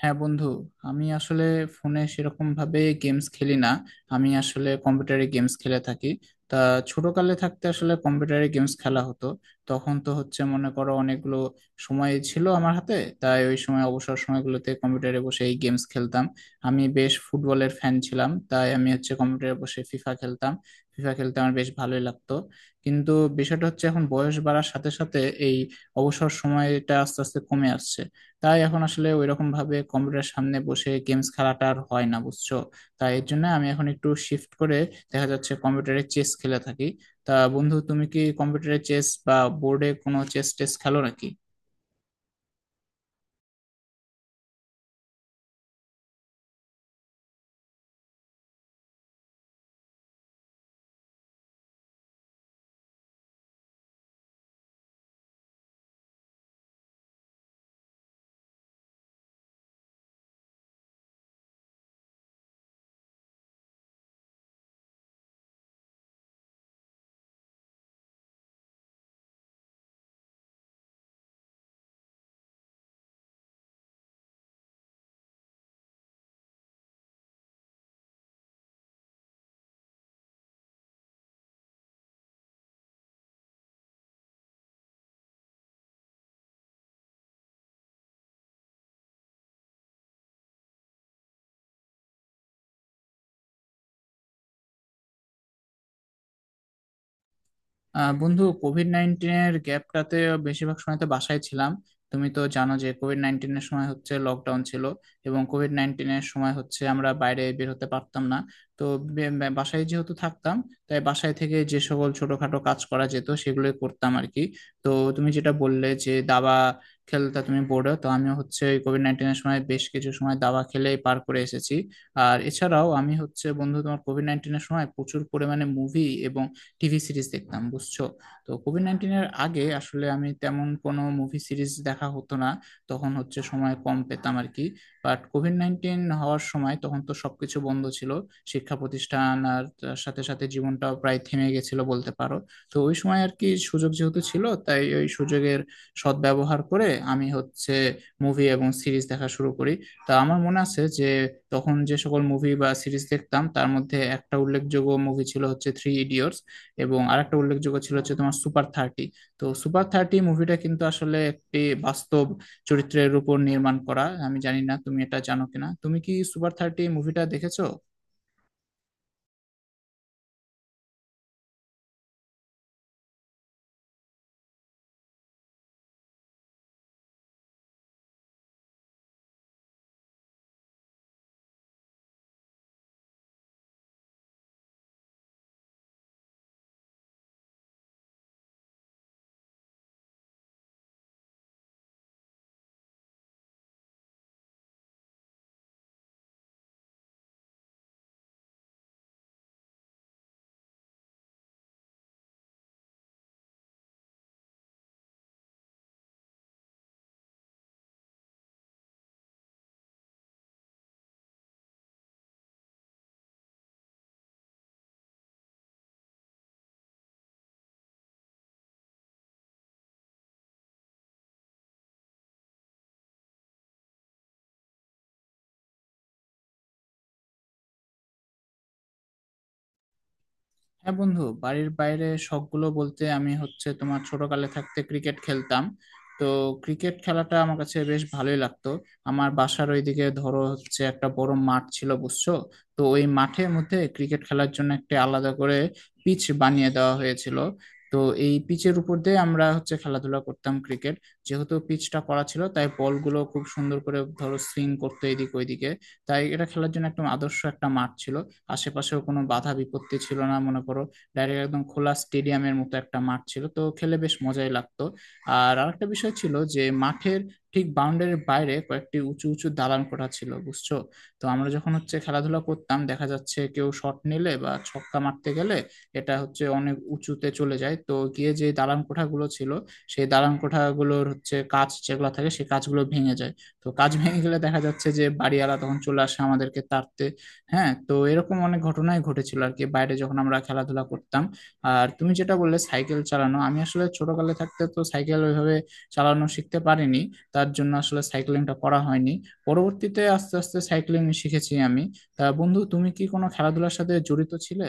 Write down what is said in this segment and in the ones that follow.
হ্যাঁ বন্ধু, আমি আসলে ফোনে সেরকম ভাবে গেমস খেলি না। আমি আসলে কম্পিউটারে গেমস খেলে থাকি। তা ছোটকালে থাকতে আসলে কম্পিউটারে গেমস খেলা হতো। তখন তো হচ্ছে মনে করো অনেকগুলো সময় ছিল আমার হাতে, তাই ওই সময় অবসর সময়গুলোতে কম্পিউটারে বসে এই গেমস খেলতাম। আমি বেশ ফুটবলের ফ্যান ছিলাম, তাই আমি হচ্ছে কম্পিউটারে বসে ফিফা খেলতাম। ফিফা খেলতে আমার বেশ ভালোই লাগতো। কিন্তু বিষয়টা হচ্ছে এখন বয়স বাড়ার সাথে সাথে এই অবসর সময়টা আস্তে আস্তে কমে আসছে। তাই এখন আসলে ওইরকম ভাবে কম্পিউটার সামনে বসে গেমস খেলাটা আর হয় না বুঝছো। তাই এর জন্য আমি এখন একটু শিফট করে দেখা যাচ্ছে কম্পিউটারে চেস খেলে থাকি। তা বন্ধু, তুমি কি কম্পিউটারে চেস বা বোর্ডে কোনো চেস টেস খেলো নাকি? আহ বন্ধু, কোভিড নাইন্টিনের গ্যাপটাতে বেশিরভাগ সময় তো বাসায় ছিলাম। তুমি তো জানো যে কোভিড নাইন্টিনের সময় হচ্ছে লকডাউন ছিল, এবং কোভিড নাইন্টিনের সময় হচ্ছে আমরা বাইরে বের হতে পারতাম না। তো বে- বে- বাসায় যেহেতু থাকতাম, তাই বাসায় থেকে যে সকল ছোটখাটো কাজ করা যেত সেগুলোই করতাম আর কি। তো তুমি যেটা বললে যে দাবা খেলতা তুমি বোর্ডে, তো আমিও হচ্ছে ওই কোভিড নাইন্টিনের সময় বেশ কিছু সময় দাবা খেলেই পার করে এসেছি। আর এছাড়াও আমি হচ্ছে বন্ধু তোমার কোভিড নাইন্টিনের সময় প্রচুর পরিমাণে মুভি এবং টিভি সিরিজ দেখতাম বুঝছো। তো কোভিড নাইন্টিনের আগে আসলে আমি তেমন কোনো মুভি সিরিজ দেখা হতো না, তখন হচ্ছে সময় কম পেতাম আর কি। বাট কোভিড নাইন্টিন হওয়ার সময় তখন তো সবকিছু বন্ধ ছিল, শিক্ষা প্রতিষ্ঠান আর তার সাথে সাথে জীবনটাও প্রায় থেমে গেছিল বলতে পারো। তো ওই সময় আর কি সুযোগ যেহেতু ছিল, তাই ওই সুযোগের সদ্ব্যবহার করে আমি হচ্ছে মুভি এবং সিরিজ দেখা শুরু করি। তা আমার মনে আছে যে তখন যে সকল মুভি বা সিরিজ দেখতাম তার মধ্যে একটা উল্লেখযোগ্য মুভি ছিল হচ্ছে থ্রি ইডিয়টস, এবং আরেকটা উল্লেখযোগ্য ছিল হচ্ছে তোমার সুপার থার্টি। তো সুপার থার্টি মুভিটা কিন্তু আসলে একটি বাস্তব চরিত্রের উপর নির্মাণ করা। আমি জানি না তুমি এটা জানো কিনা, তুমি কি সুপার থার্টি মুভিটা দেখেছো? হ্যাঁ বন্ধু, বাড়ির বাইরে শখগুলো বলতে আমি হচ্ছে তোমার ছোটকালে থাকতে ক্রিকেট খেলতাম। তো ক্রিকেট খেলাটা আমার কাছে বেশ ভালোই লাগতো। আমার বাসার ওইদিকে ধরো হচ্ছে একটা বড় মাঠ ছিল বুঝছো। তো ওই মাঠের মধ্যে ক্রিকেট খেলার জন্য একটা আলাদা করে পিচ বানিয়ে দেওয়া হয়েছিল। তো এই পিচের উপর দিয়ে আমরা হচ্ছে খেলাধুলা করতাম ক্রিকেট। যেহেতু পিচটা করা ছিল তাই বলগুলো খুব সুন্দর করে ধরো সুইং করতো এদিক ওইদিকে। তাই এটা খেলার জন্য একদম আদর্শ একটা মাঠ ছিল, আশেপাশেও কোনো বাধা বিপত্তি ছিল না মনে করো। ডাইরেক্ট একদম খোলা স্টেডিয়ামের মতো একটা মাঠ ছিল, তো খেলে বেশ মজাই লাগতো। আর আরেকটা বিষয় ছিল যে মাঠের ঠিক বাউন্ডারির বাইরে কয়েকটি উঁচু উঁচু দালান কোঠা ছিল বুঝছো। তো আমরা যখন হচ্ছে খেলাধুলা করতাম দেখা যাচ্ছে কেউ শট নিলে বা ছক্কা মারতে গেলে এটা হচ্ছে অনেক উঁচুতে চলে যায়, তো গিয়ে যে দালান কোঠাগুলো ছিল সেই দালান কোঠাগুলোর হচ্ছে কাঁচ যেগুলো থাকে সেই কাঁচগুলো ভেঙে যায়। তো কাঁচ ভেঙে গেলে দেখা যাচ্ছে যে বাড়িওয়ালা তখন চলে আসে আমাদেরকে তাড়তে। হ্যাঁ, তো এরকম অনেক ঘটনাই ঘটেছিল আর কি বাইরে যখন আমরা খেলাধুলা করতাম। আর তুমি যেটা বললে সাইকেল চালানো, আমি আসলে ছোটকালে থাকতে তো সাইকেল ওইভাবে চালানো শিখতে পারিনি। তার জন্য আসলে সাইক্লিংটা করা হয়নি। পরবর্তীতে আস্তে আস্তে সাইক্লিং শিখেছি আমি। তা বন্ধু, তুমি কি কোনো খেলাধুলার সাথে জড়িত ছিলে?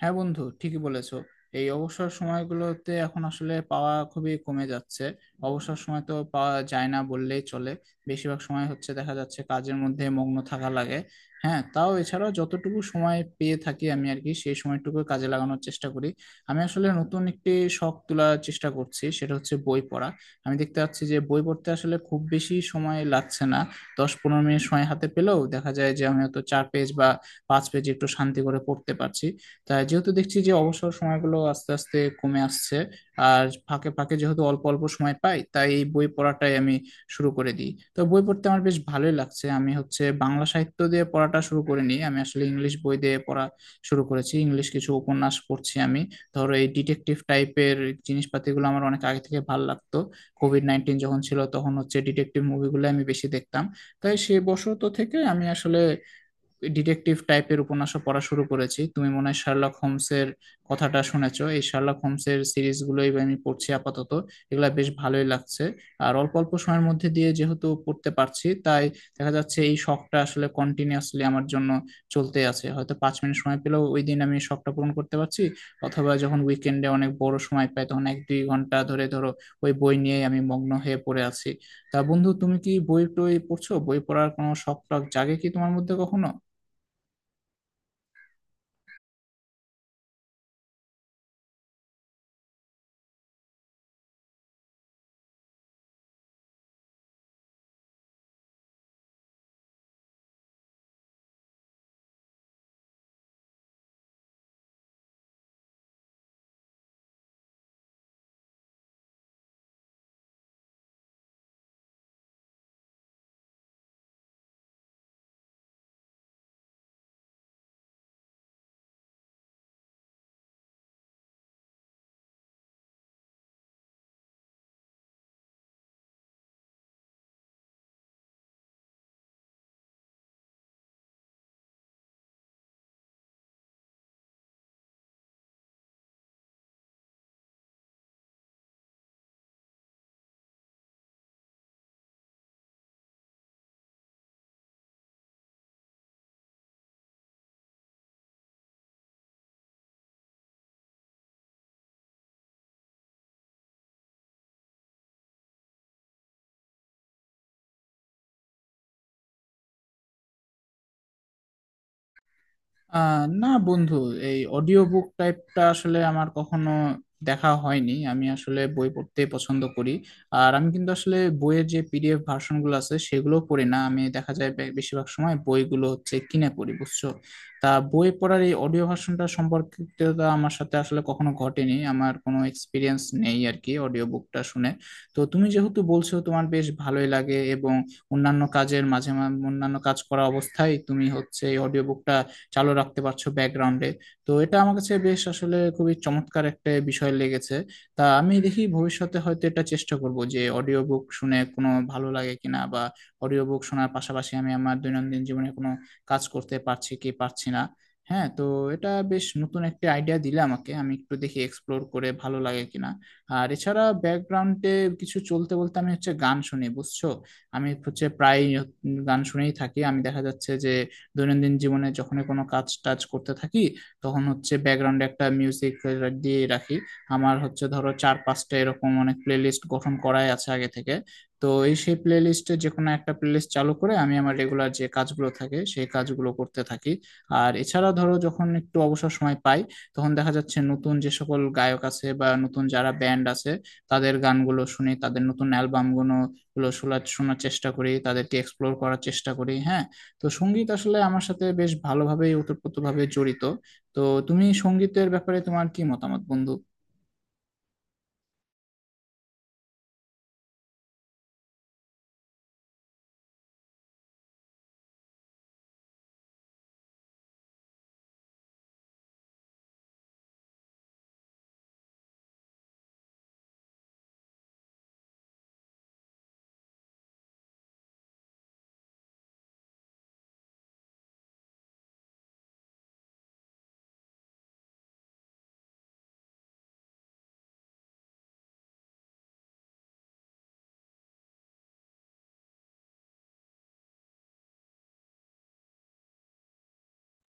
হ্যাঁ বন্ধু, ঠিকই বলেছো। এই অবসর সময়গুলোতে এখন আসলে পাওয়া খুবই কমে যাচ্ছে। অবসর সময় তো পাওয়া যায় না বললেই চলে। বেশিরভাগ সময় হচ্ছে দেখা যাচ্ছে কাজের মধ্যে মগ্ন থাকা লাগে। হ্যাঁ, তাও এছাড়াও যতটুকু সময় পেয়ে থাকি আমি আর কি সেই সময়টুকু কাজে লাগানোর চেষ্টা করি। আমি আসলে নতুন একটি শখ তোলার চেষ্টা করছি, সেটা হচ্ছে বই পড়া। আমি দেখতে পাচ্ছি যে বই পড়তে আসলে খুব বেশি সময় লাগছে না। 10-15 মিনিট সময় হাতে পেলেও দেখা যায় যে আমি হয়তো 4 পেজ বা 5 পেজ একটু শান্তি করে পড়তে পারছি। তাই যেহেতু দেখছি যে অবসর সময়গুলো আস্তে আস্তে কমে আসছে আর ফাঁকে ফাঁকে যেহেতু অল্প অল্প সময় পাই, তাই এই বই পড়াটাই আমি শুরু করে দিই। তো বই পড়তে আমার বেশ ভালোই লাগছে। আমি হচ্ছে বাংলা সাহিত্য দিয়ে পড়াটা শুরু করিনি, আমি আসলে ইংলিশ বই দিয়ে পড়া শুরু করেছি। ইংলিশ কিছু উপন্যাস পড়ছি আমি, ধরো এই ডিটেকটিভ টাইপের জিনিসপাতিগুলো আমার অনেক আগে থেকে ভালো লাগতো। কোভিড নাইন্টিন যখন ছিল তখন হচ্ছে ডিটেকটিভ মুভিগুলো আমি বেশি দেখতাম। তাই সেই বশত থেকে আমি আসলে ডিটেকটিভ টাইপের উপন্যাসও পড়া শুরু করেছি। তুমি মনে হয় শার্লক হোমসের কথাটা শুনেছো, এই শার্লক হোমসের সিরিজগুলোই আমি পড়ছি আপাতত। এগুলা বেশ ভালোই লাগছে। আর অল্প অল্প সময়ের মধ্যে দিয়ে যেহেতু পড়তে পারছি, তাই দেখা যাচ্ছে এই শখটা আসলে কন্টিনিউয়াসলি আমার জন্য চলতে আছে। হয়তো 5 মিনিট সময় পেলেও ওই দিন আমি শখটা পূরণ করতে পারছি, অথবা যখন উইকেন্ডে অনেক বড় সময় পাই তখন 1-2 ঘন্টা ধরে ধরো ওই বই নিয়েই আমি মগ্ন হয়ে পড়ে আছি। তা বন্ধু, তুমি কি বই টই পড়ছো? বই পড়ার কোনো শখ টখ জাগে কি তোমার মধ্যে কখনো? আহ না বন্ধু, এই অডিও বুক টাইপটা আসলে আমার কখনো দেখা হয়নি। আমি আসলে বই পড়তে পছন্দ করি। আর আমি কিন্তু আসলে বইয়ের যে পিডিএফ ভার্সন গুলো আছে সেগুলো পড়ি না, আমি দেখা যায় বেশিরভাগ সময় বইগুলো হচ্ছে কিনে পড়ি বুঝছো। তা বই পড়ার এই অডিও ভার্সনটা সম্পর্কিতটা আমার সাথে আসলে কখনো ঘটেনি, আমার কোনো এক্সপিরিয়েন্স নেই আর কি অডিও বুকটা শুনে। তো তুমি যেহেতু বলছো তোমার বেশ ভালোই লাগে এবং অন্যান্য কাজের মাঝে অন্যান্য কাজ করা অবস্থায় তুমি হচ্ছে এই অডিও বুকটা চালু রাখতে পারছো ব্যাকগ্রাউন্ডে, তো এটা আমার কাছে বেশ আসলে খুবই চমৎকার একটা বিষয় লেগেছে। তা আমি দেখি ভবিষ্যতে হয়তো এটা চেষ্টা করব যে অডিও বুক শুনে কোনো ভালো লাগে কিনা, বা অডিও বুক শোনার পাশাপাশি আমি আমার দৈনন্দিন জীবনে কোনো কাজ করতে পারছি কি পারছি না। হ্যাঁ, তো এটা বেশ নতুন একটা আইডিয়া দিলে আমাকে, আমি একটু দেখি এক্সপ্লোর করে ভালো লাগে কিনা। আর এছাড়া ব্যাকগ্রাউন্ডে কিছু চলতে বলতে আমি হচ্ছে গান শুনি বুঝছো। আমি হচ্ছে প্রায় গান শুনেই থাকি। আমি দেখা যাচ্ছে যে দৈনন্দিন জীবনে যখন কোনো কাজ টাজ করতে থাকি তখন হচ্ছে ব্যাকগ্রাউন্ডে একটা মিউজিক দিয়ে রাখি। আমার হচ্ছে ধরো চার পাঁচটা এরকম অনেক প্লেলিস্ট গঠন করাই আছে আগে থেকে। তো এই সেই প্লেলিস্টে যে কোনো একটা প্লেলিস্ট চালু করে আমি আমার রেগুলার যে কাজগুলো থাকে সেই কাজগুলো করতে থাকি। আর এছাড়া ধরো যখন একটু অবসর সময় পাই তখন দেখা যাচ্ছে নতুন যে সকল গায়ক আছে বা নতুন যারা ব্যান্ড আছে তাদের গানগুলো শুনি, তাদের নতুন অ্যালবামগুলো শোনার শোনার চেষ্টা করি, তাদেরকে এক্সপ্লোর করার চেষ্টা করি। হ্যাঁ, তো সঙ্গীত আসলে আমার সাথে বেশ ভালোভাবেই ওতপ্রোতভাবে জড়িত। তো তুমি সঙ্গীতের ব্যাপারে তোমার কি মতামত বন্ধু?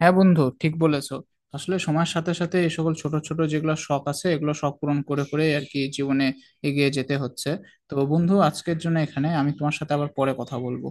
হ্যাঁ বন্ধু, ঠিক বলেছো। আসলে সময়ের সাথে সাথে এই সকল ছোট ছোট যেগুলো শখ আছে এগুলো শখ পূরণ করে করে আর কি জীবনে এগিয়ে যেতে হচ্ছে। তো বন্ধু, আজকের জন্য এখানে আমি, তোমার সাথে আবার পরে কথা বলবো।